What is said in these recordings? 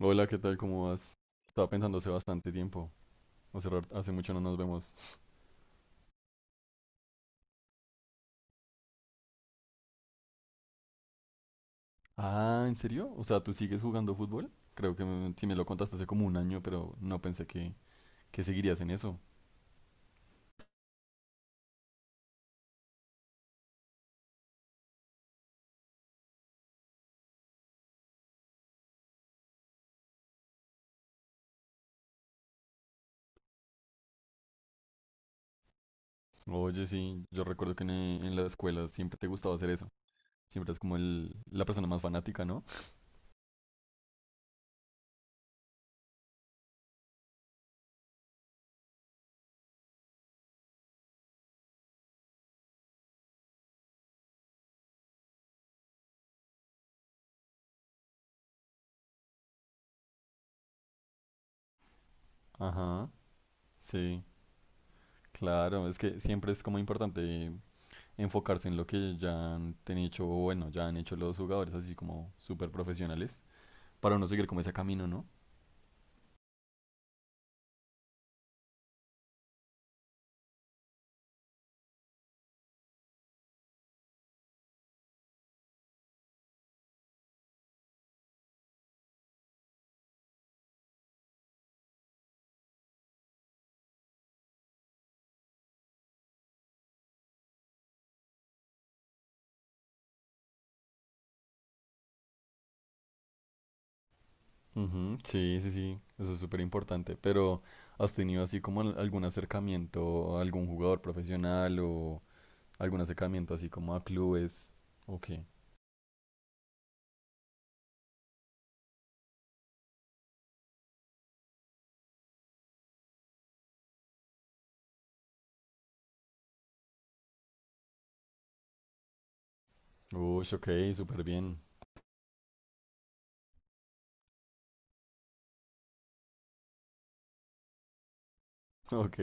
Hola, ¿qué tal? ¿Cómo vas? Estaba pensando hace bastante tiempo. Hace, hace mucho no nos vemos. Ah, ¿en serio? O sea, ¿tú sigues jugando fútbol? Creo que sí me lo contaste hace como un año, pero no pensé que seguirías en eso. Oye, sí, yo recuerdo que en la escuela siempre te gustaba hacer eso. Siempre es como la persona más fanática, ¿no? Ajá, sí, claro. Es que siempre es como importante enfocarse en lo que hecho, o bueno, ya han hecho los jugadores así como súper profesionales, para uno seguir como ese camino, ¿no? Ujú, sí, sí, sí, eso es súper importante, pero ¿has tenido así como algún acercamiento a algún jugador profesional o algún acercamiento así como a clubes? Ok, uy, ok, súper bien, ok,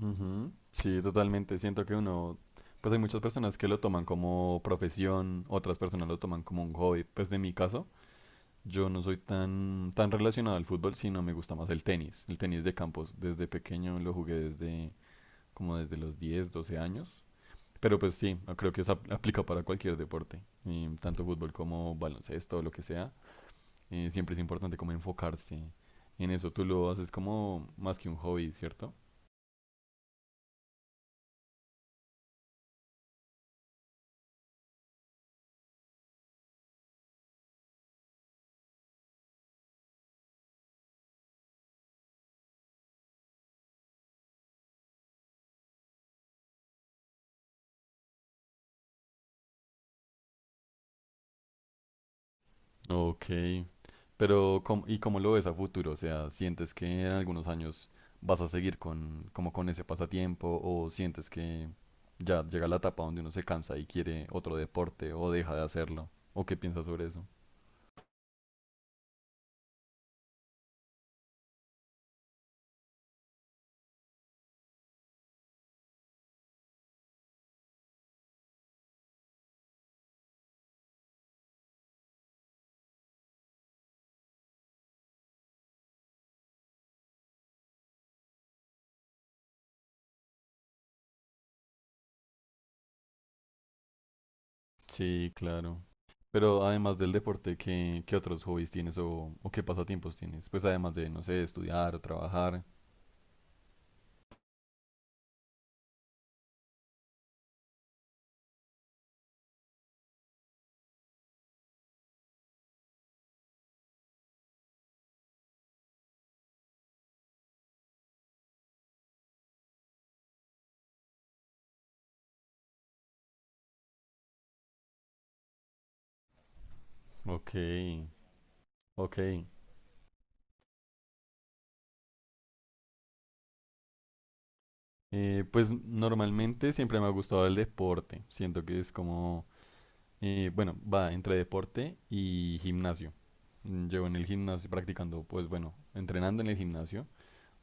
ujú, sí, totalmente, siento que pues hay muchas personas que lo toman como profesión, otras personas lo toman como un hobby. Pues de mi caso, yo no soy tan relacionado al fútbol, sino me gusta más el tenis de campos. Desde pequeño lo jugué desde... como desde los 10, 12 años. Pero pues sí, creo que eso aplica para cualquier deporte, y tanto fútbol como baloncesto o lo que sea. Siempre es importante como enfocarse en eso. Tú lo haces como más que un hobby, ¿cierto? Ok, pero ¿y cómo lo ves a futuro? O sea, ¿sientes que en algunos años vas a seguir como con ese pasatiempo, o sientes que ya llega la etapa donde uno se cansa y quiere otro deporte o deja de hacerlo? ¿O qué piensas sobre eso? Sí, claro. Pero además del deporte, ¿qué otros hobbies tienes o qué pasatiempos tienes? Pues además de, no sé, estudiar o trabajar. Ok, ok. Pues normalmente siempre me ha gustado el deporte. Siento que es bueno, va entre deporte y gimnasio. Mm, llevo en el gimnasio practicando, pues bueno, entrenando en el gimnasio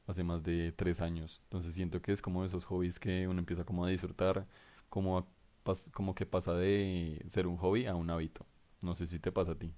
hace más de 3 años. Entonces siento que es como de esos hobbies que uno empieza como a disfrutar, como, a como que pasa de ser un hobby a un hábito. No sé si te pasa a ti.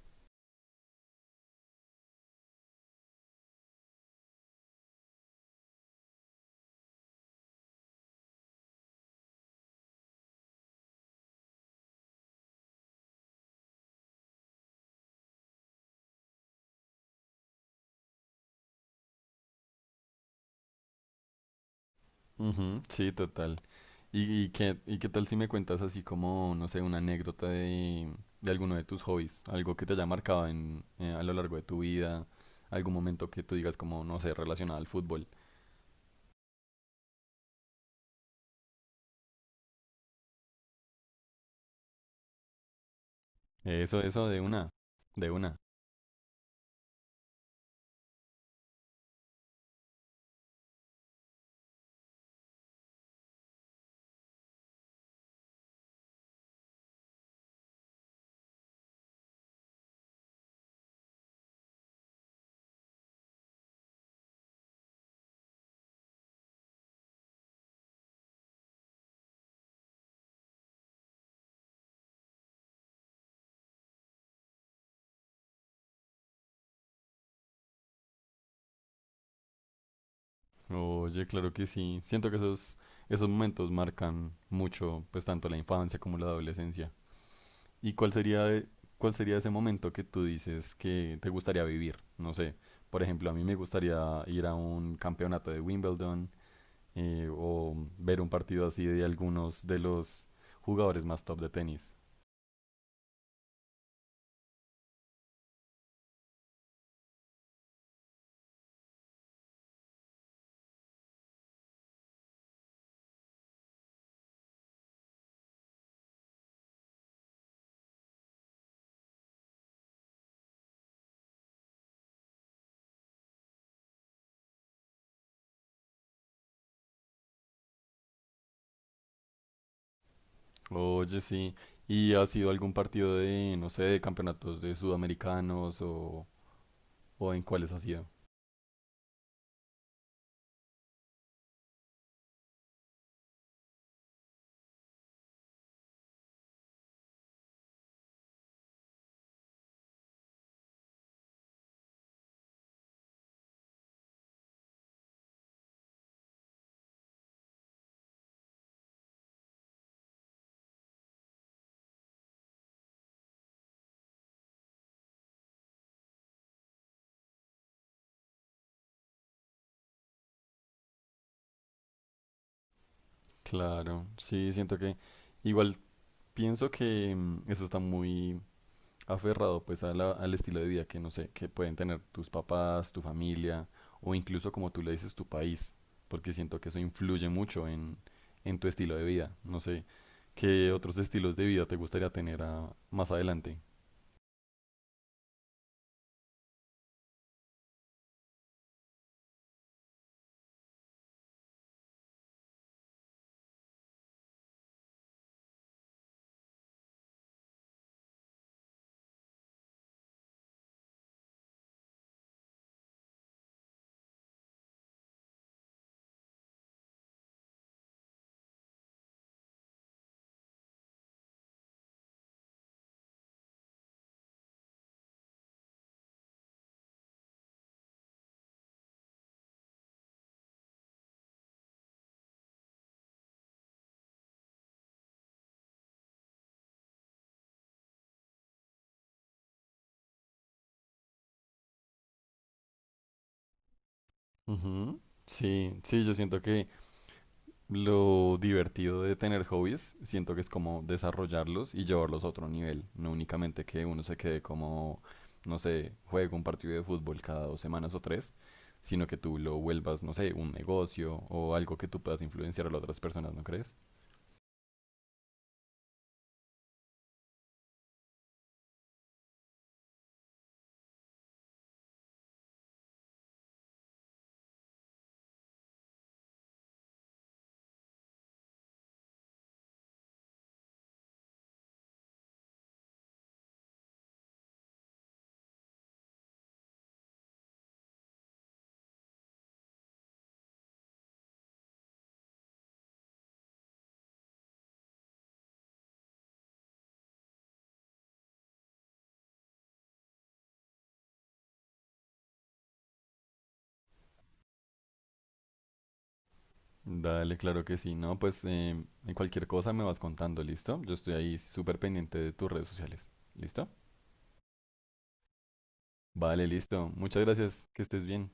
Ujú, sí, total. Y qué tal si me cuentas así como, no sé, una anécdota de alguno de tus hobbies? Algo que te haya marcado a lo largo de tu vida, algún momento que tú digas como, no sé, relacionado al fútbol. Eso de una, de una. Oye, claro que sí. Siento que esos, esos momentos marcan mucho, pues tanto la infancia como la adolescencia. ¿Y cuál sería, cuál sería ese momento que tú dices que te gustaría vivir? No sé, por ejemplo, a mí me gustaría ir a un campeonato de Wimbledon o ver un partido así de algunos de los jugadores más top de tenis. Oye, sí. ¿Y has sido algún partido de, no sé, de campeonatos de sudamericanos o en cuáles has sido? Claro, sí, siento que... Igual pienso que mm, eso está muy aferrado pues a al estilo de vida que no sé, que pueden tener tus papás, tu familia, o incluso como tú le dices tu país, porque siento que eso influye mucho en tu estilo de vida. No sé, ¿qué otros estilos de vida te gustaría tener más adelante? Ujú. Sí, sí, yo siento que lo divertido de tener hobbies, siento que es como desarrollarlos y llevarlos a otro nivel, no únicamente que uno se quede como, no sé, juega un partido de fútbol cada dos semanas o tres, sino que tú lo vuelvas, no sé, un negocio o algo que tú puedas influenciar a las otras personas, ¿no crees? Dale, claro que sí. No, pues em, en cualquier cosa me vas contando, ¿listo? Yo estoy ahí súper pendiente de tus redes sociales, ¿listo? Vale, listo. Muchas gracias, que estés bien.